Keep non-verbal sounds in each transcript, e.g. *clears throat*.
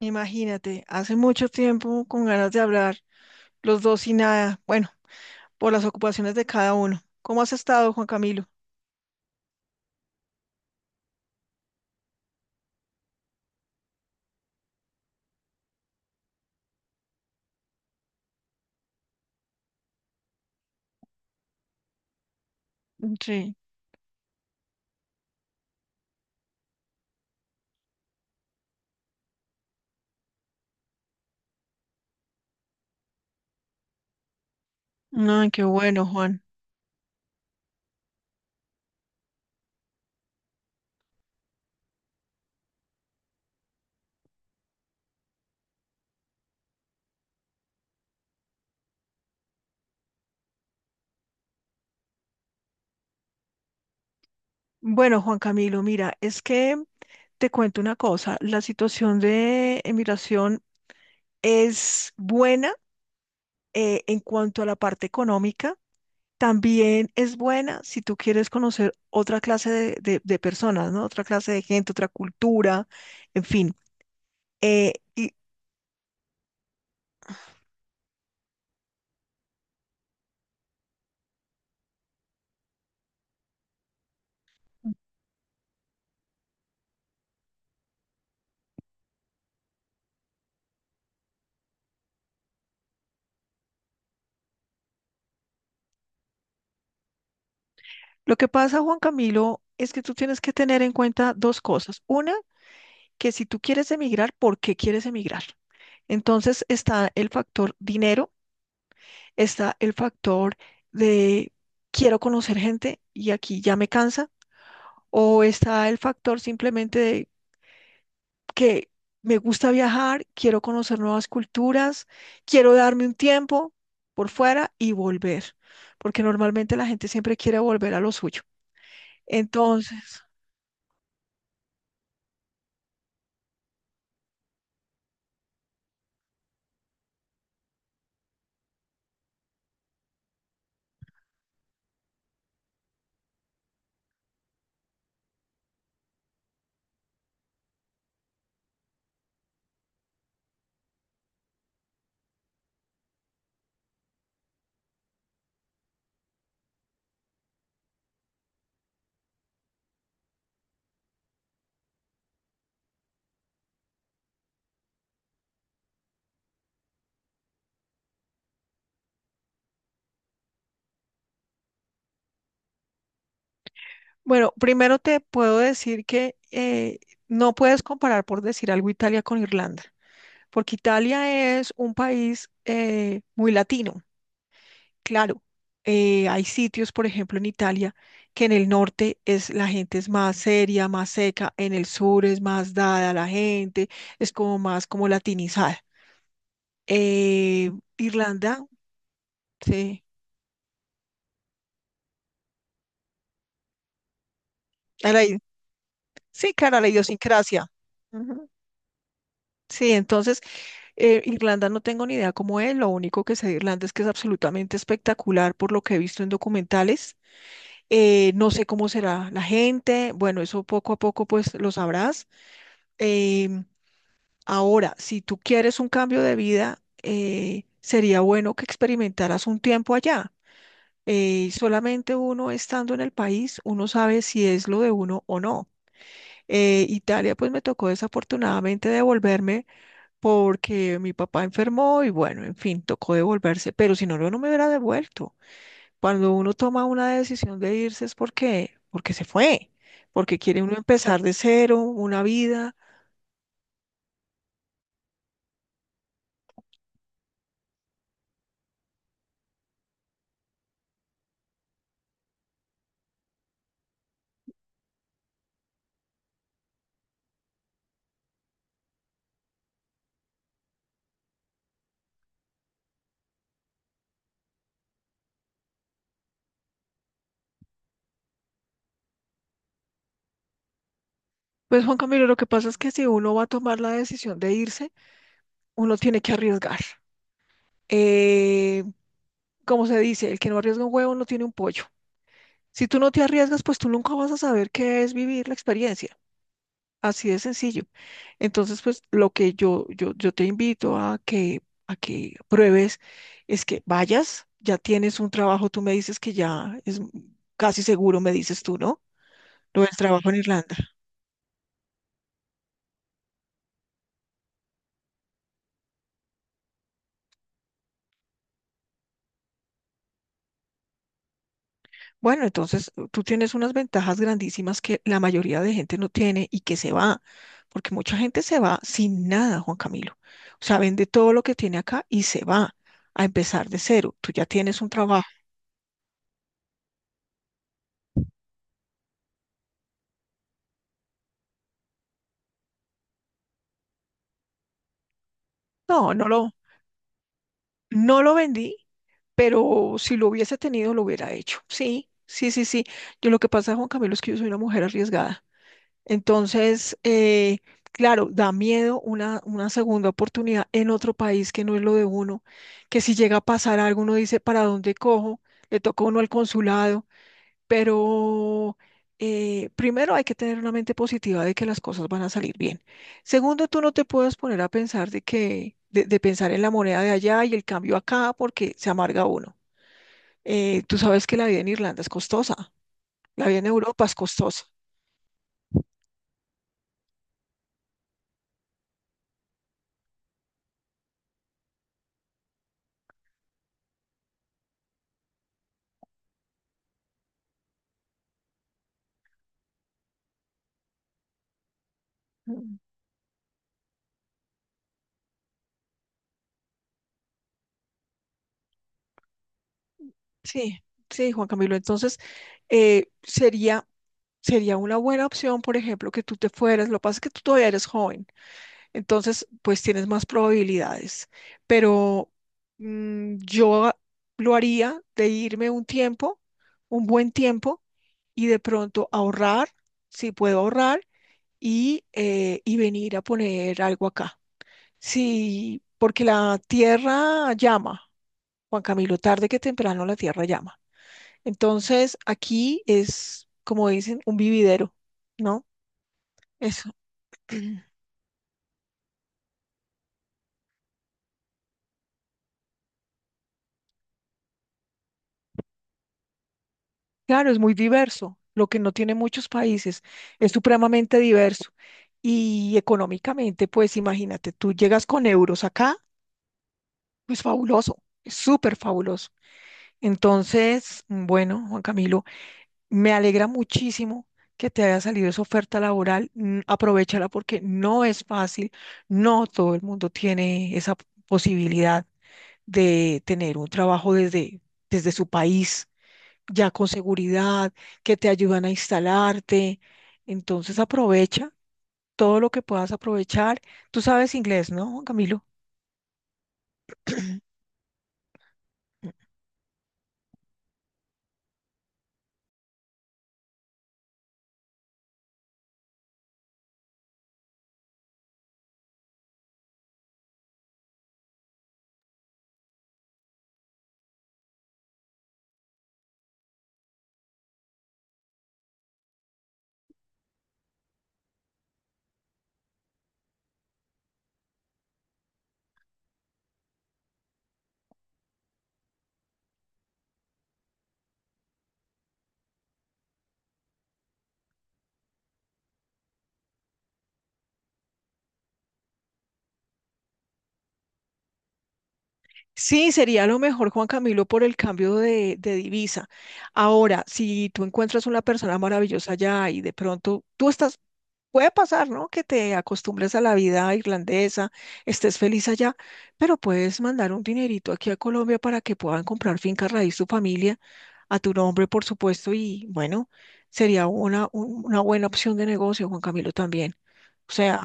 Imagínate, hace mucho tiempo con ganas de hablar, los dos y nada, bueno, por las ocupaciones de cada uno. ¿Cómo has estado, Juan Camilo? Sí. Ay, qué bueno, Juan. Bueno, Juan Camilo, mira, es que te cuento una cosa, la situación de emigración es buena, en cuanto a la parte económica, también es buena si tú quieres conocer otra clase de, de personas, ¿no? Otra clase de gente, otra cultura, en fin. Eh, y Lo que pasa, Juan Camilo, es que tú tienes que tener en cuenta dos cosas. Una, que si tú quieres emigrar, ¿por qué quieres emigrar? Entonces está el factor dinero, está el factor de quiero conocer gente y aquí ya me cansa, o está el factor simplemente de que me gusta viajar, quiero conocer nuevas culturas, quiero darme un tiempo por fuera y volver, porque normalmente la gente siempre quiere volver a lo suyo. Entonces... Bueno, primero te puedo decir que no puedes comparar, por decir algo, Italia con Irlanda, porque Italia es un país muy latino, claro. Hay sitios, por ejemplo, en Italia, que en el norte es, la gente es más seria, más seca, en el sur es más dada a la gente, es como más como latinizada. Eh, Irlanda, sí, a la i- sí, claro, a la idiosincrasia. Ujú. Sí, entonces Irlanda no tengo ni idea cómo es, lo único que sé de Irlanda es que es absolutamente espectacular por lo que he visto en documentales. No sé cómo será la gente, bueno, eso poco a poco pues lo sabrás. Em, Ahora, si tú quieres un cambio de vida, sería bueno que experimentaras un tiempo allá. Solamente uno estando en el país, uno sabe si es lo de uno o no. Italia pues me tocó desafortunadamente devolverme porque mi papá enfermó y bueno, en fin, tocó devolverse, pero si no, yo no me hubiera devuelto. Cuando uno toma una decisión de irse es porque, porque se fue, porque quiere uno empezar de cero, una vida. Pues Juan Camilo, lo que pasa es que si uno va a tomar la decisión de irse, uno tiene que arriesgar. Eh, Como se dice, el que no arriesga un huevo no tiene un pollo. Si tú no te arriesgas, pues tú nunca vas a saber qué es vivir la experiencia. Así de sencillo. Entonces, pues lo que yo te invito a que pruebes es que vayas, ya tienes un trabajo, tú me dices que ya es casi seguro, me dices tú, ¿no? Lo del trabajo en Irlanda. Bueno, entonces tú tienes unas ventajas grandísimas que la mayoría de gente no tiene y que se va, porque mucha gente se va sin nada, Juan Camilo. O sea, vende todo lo que tiene acá y se va a empezar de cero. Tú ya tienes un trabajo. No, no lo vendí pero si lo hubiese tenido, lo hubiera hecho. Sí, sí, sí, sí. Yo lo que pasa, Juan Camilo, es que yo soy una mujer arriesgada. Entonces, claro, da miedo una segunda oportunidad en otro país que no es lo de uno, que si llega a pasar algo, uno dice, ¿para dónde cojo? Le toca a uno al consulado, pero... primero hay que tener una mente positiva de que las cosas van a salir bien. Segundo, tú no te puedes poner a pensar de que, de pensar en la moneda de allá y el cambio acá, porque se amarga uno. Tú sabes que la vida en Irlanda es costosa, la vida en Europa es costosa. Mm. Sí, sí, Juan Camilo. Entonces, sería, sería una buena opción, por ejemplo, que tú te fueras. Lo que pasa es que tú todavía eres joven. Entonces, pues tienes más probabilidades. Pero yo lo haría de irme un tiempo, un buen tiempo, y de pronto ahorrar, si puedo ahorrar, y venir a poner algo acá. Sí, porque la tierra llama, Juan Camilo, tarde que temprano la tierra llama. Entonces, aquí es, como dicen, un vividero, ¿no? Eso. *clears throat* Claro, es muy diverso. Lo que no tiene muchos países es supremamente diverso. Y económicamente, pues imagínate, tú llegas con euros acá, pues fabuloso, es súper fabuloso. Entonces, bueno, Juan Camilo, me alegra muchísimo que te haya salido esa oferta laboral. Aprovechala porque no es fácil, no todo el mundo tiene esa posibilidad de tener un trabajo desde, desde su país ya con seguridad, que te ayudan a instalarte. Entonces aprovecha todo lo que puedas aprovechar. Tú sabes inglés, ¿no, Juan Camilo? *clears throat* Sí, sería lo mejor, Juan Camilo, por el cambio de divisa. Ahora, si tú encuentras una persona maravillosa allá y de pronto tú estás, puede pasar, ¿no? Que te acostumbres a la vida irlandesa, estés feliz allá, pero puedes mandar un dinerito aquí a Colombia para que puedan comprar finca raíz tu familia, a tu nombre, por supuesto, y bueno, sería una, una buena opción de negocio, Juan Camilo, también. O sea,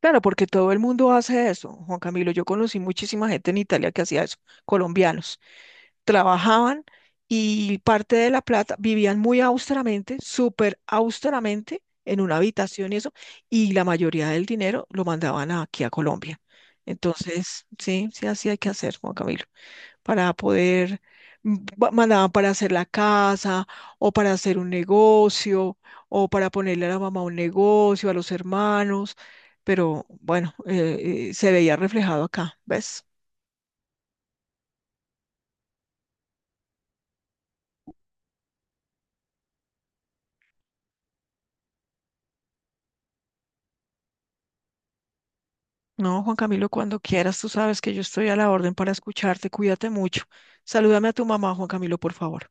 claro, porque todo el mundo hace eso, Juan Camilo. Yo conocí muchísima gente en Italia que hacía eso, colombianos. Trabajaban y parte de la plata vivían muy austeramente, súper austeramente, en una habitación y eso, y la mayoría del dinero lo mandaban aquí a Colombia. Entonces, sí, sí, así hay que hacer, Juan Camilo, para poder, mandaban para hacer la casa o para hacer un negocio o para ponerle a la mamá un negocio, a los hermanos, pero bueno, se veía reflejado acá, ¿ves? No, Juan Camilo, cuando quieras, tú sabes que yo estoy a la orden para escucharte, cuídate mucho. Salúdame a tu mamá, Juan Camilo, por favor.